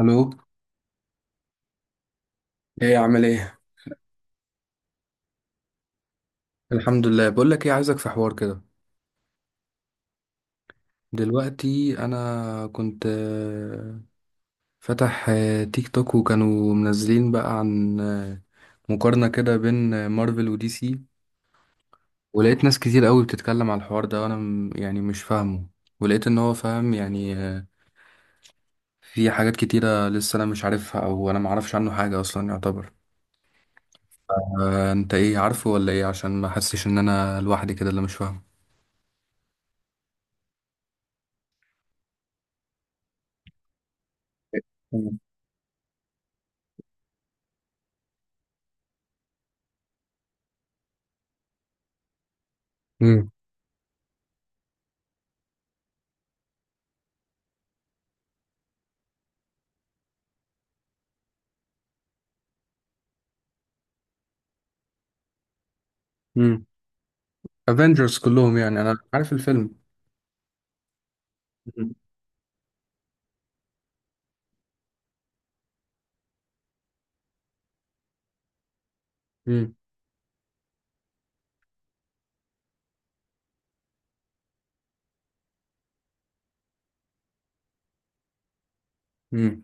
الو. ايه عامل ايه؟ الحمد لله. بقول لك ايه، عايزك في حوار كده. دلوقتي انا كنت فتح تيك توك، وكانوا منزلين بقى عن مقارنة كده بين مارفل ودي سي. ولقيت ناس كتير قوي بتتكلم على الحوار ده، وانا يعني مش فاهمه. ولقيت ان هو فاهم يعني، في حاجات كتيرة لسه انا مش عارفها، او انا معرفش عنه حاجة اصلا يعتبر. انت ايه عارفه ولا ايه، عشان ما احسش ان انا لوحدي كده اللي مش فاهمه. امم. افنجرز كلهم، يعني انا عارف الفيلم. مم. مم. مم.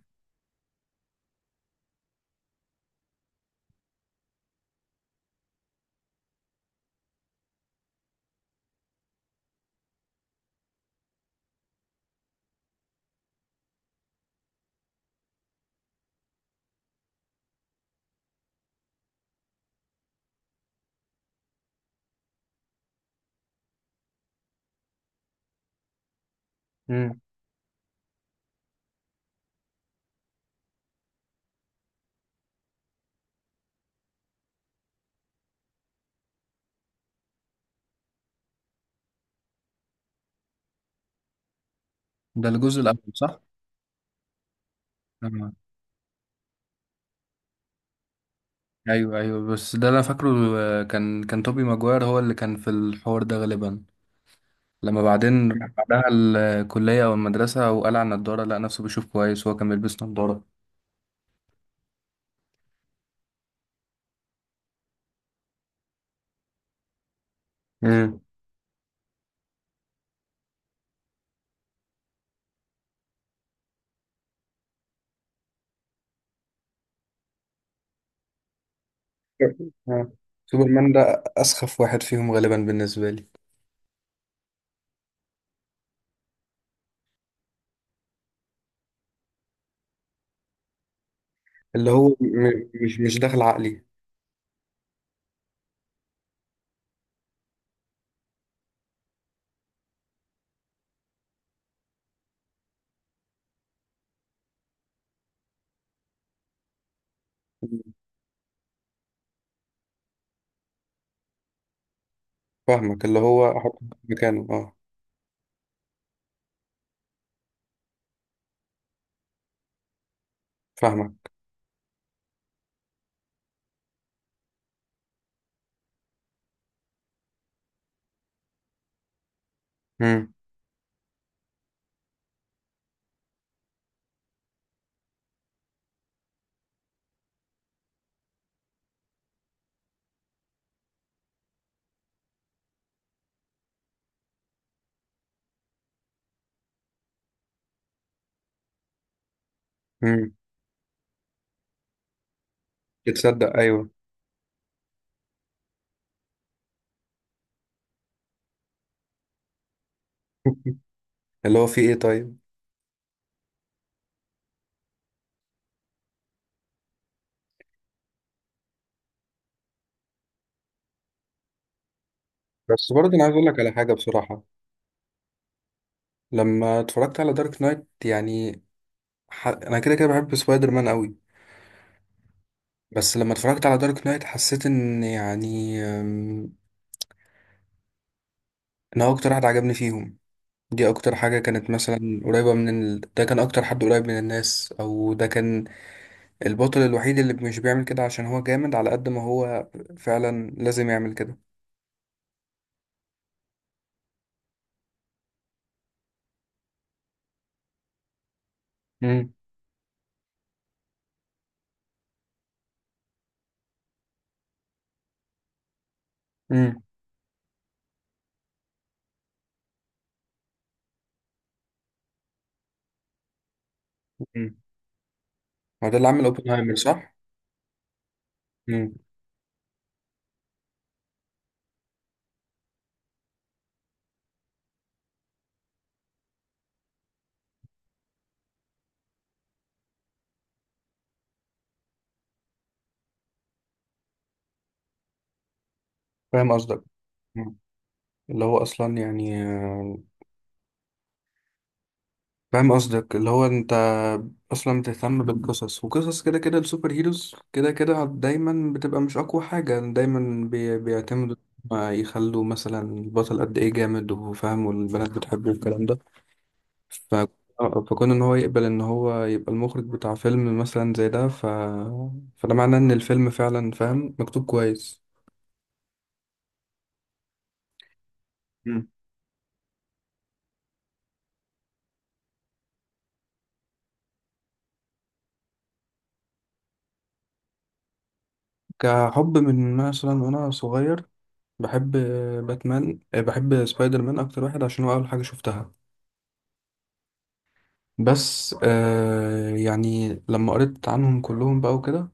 مم. ده الجزء الاول، صح؟ آه. ايوه، ايوه، بس ده انا فاكره. كان توبي ماجواير هو اللي كان في الحوار ده غالبا. لما بعدين راح بعدها الكلية او المدرسة، وقال على النضارة، لقى نفسه بيشوف كويس وهو كان بيلبس نضارة. مم. آه. سوبرمان ده أسخف واحد فيهم غالبا بالنسبة لي. اللي هو مش داخل عقلي. فاهمك، اللي هو أحط مكانه، أه. فاهمك. مم. مم. تصدق، أيوه. اللي هو فيه ايه طيب؟ بس برضه انا عايز اقول لك على حاجه بصراحه. لما اتفرجت على دارك نايت يعني، انا كده كده بحب سبايدر مان قوي. بس لما اتفرجت على دارك نايت، حسيت ان يعني، ان هو اكتر حد عجبني فيهم. دي اكتر حاجه كانت مثلا قريبه من ده كان اكتر حد قريب من الناس، او ده كان البطل الوحيد اللي مش بيعمل كده عشان هو جامد، على قد ما هو فعلا لازم يعمل كده. امم. امم. ما ده اللي عمل اوبنهايمر، صح؟ امم. فاهم قصدك، اللي هو اصلا يعني فاهم قصدك، اللي هو انت اصلا بتهتم بالقصص، وقصص كده كده السوبر هيروز كده كده دايما بتبقى مش اقوى حاجة، دايما بيعتمدوا ما يخلوا مثلا البطل قد ايه جامد وفاهم، والبنات بتحبه، والكلام ده. ف... فكون ان هو يقبل ان هو يبقى المخرج بتاع فيلم مثلا زي ده، فده معناه ان الفيلم فعلا فاهم مكتوب كويس. مم. كحب من مثلا وانا صغير، بحب باتمان. بحب سبايدر مان اكتر واحد عشان هو اول حاجه شفتها. بس يعني لما قريت عنهم كلهم بقى وكده،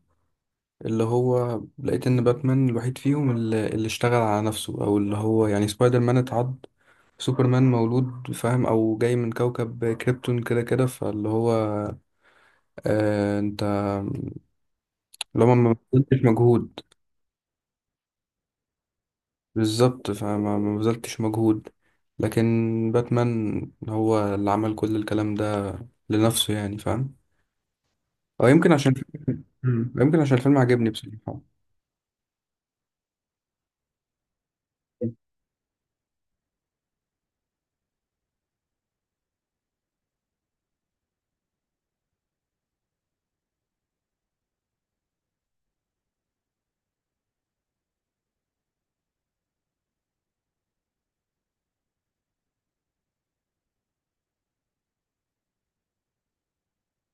اللي هو لقيت ان باتمان الوحيد فيهم اللي اشتغل على نفسه، او اللي هو يعني سبايدر مان اتعض، سوبرمان مولود فاهم، او جاي من كوكب كريبتون كده كده. فاللي هو انت، اللي هو ما بذلتش مجهود. بالظبط، فما ما بذلتش مجهود. لكن باتمان هو اللي عمل كل الكلام ده لنفسه يعني، فاهم؟ او يمكن عشان، مم. يمكن عشان الفيلم عجبني بصراحة.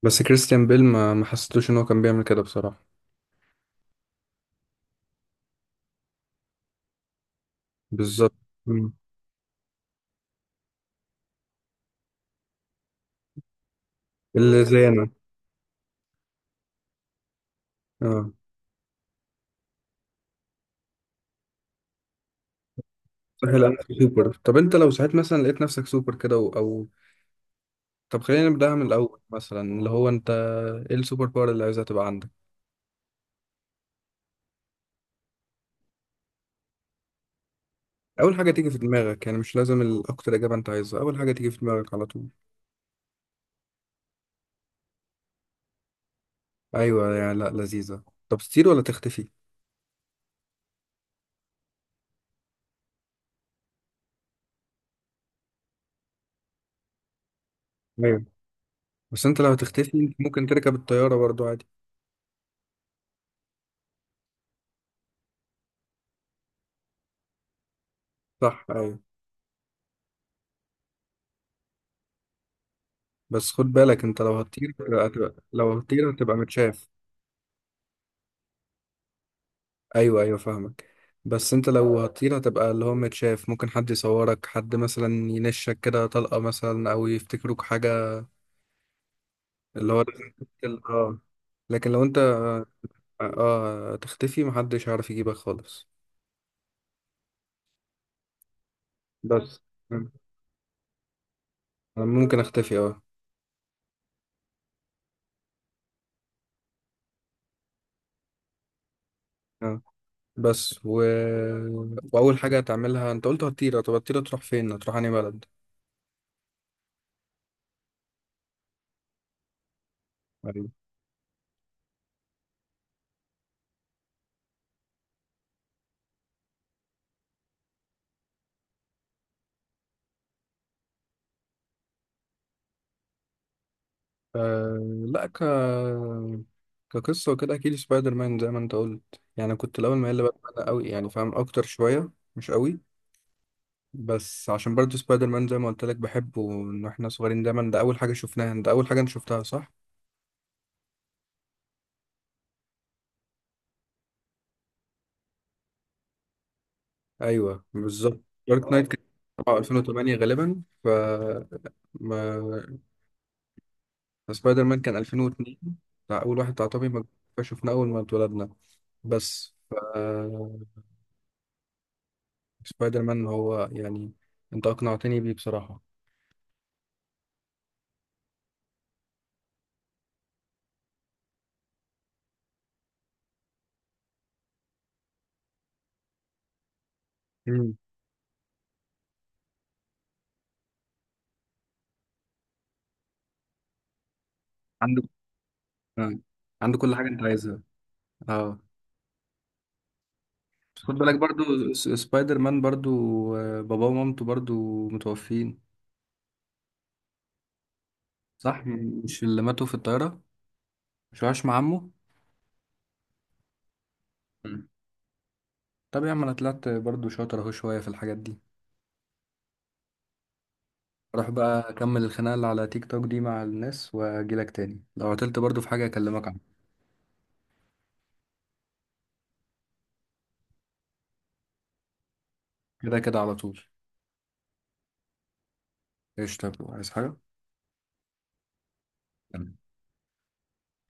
بس كريستيان بيل ما حسيتوش ان هو كان بيعمل كده بصراحة. بالظبط. مم. اللي زي انا. اه سهل، انا في سوبر. طب انت لو ساعات مثلا لقيت نفسك سوبر كده او طب خلينا نبدأها من الاول مثلا، اللي هو انت ايه السوبر باور اللي عايزها تبقى عندك؟ اول حاجة تيجي في دماغك، يعني مش لازم الاكتر اجابة انت عايزها، اول حاجة تيجي في دماغك على طول. ايوه يعني، لا لذيذة. طب تطير ولا تختفي؟ ايوه، بس انت لو هتختفي ممكن تركب الطيارة برضو عادي. صح، ايوه. بس خد بالك، انت لو هتطير هتبقى متشاف. ايوه، ايوه، فاهمك. بس انت لو هتطير هتبقى اللي هو متشاف، ممكن حد يصورك، حد مثلا ينشك كده طلقة مثلا، او يفتكروك حاجة اللي هو لازم تقتل، اه. لكن لو انت، اه، تختفي محدش هيعرف يجيبك خالص. بس انا ممكن اختفي، اه. اه، بس واول حاجة هتعملها انت قلت هتطير. طب هتطير تروح فين؟ هتروح انهي بلد؟ آه، لا، كقصة وكده أكيد سبايدر مان، زي ما أنت قلت. يعني كنت الأول مايل لباتمان أوي، يعني فاهم أكتر شوية، مش أوي. بس عشان برضه سبايدر مان زي ما قلت لك بحبه إن إحنا صغيرين، دايما ده أول حاجة شفناها، ده أول حاجة أنت شفتها، صح؟ أيوه، بالظبط. دارك نايت، اه، كان طبعا 2008 غالبا، ف ما سبايدر مان كان 2002، بتاع أول واحد بتاع توبي ماجواير، فشفناه أول ما اتولدنا. بس ف سبايدر مان هو يعني، أنت أقنعتني بيه بصراحة. مم. عنده. آه. عنده كل حاجة انت عايزها. اه بس خد بالك، برضو سبايدر مان برضو باباه ومامته برضو متوفين. صح، مش اللي ماتوا في الطيارة؟ مش وعاش مع عمه؟ مم. طب يا عم، انا طلعت برضو شاطر اهو شوية في الحاجات دي. اروح بقى اكمل الخناقة اللي على تيك توك دي مع الناس، واجيلك تاني لو عطلت برضو في حاجة اكلمك عنها. كده كده على طول. ايش؟ طب عايز حاجة؟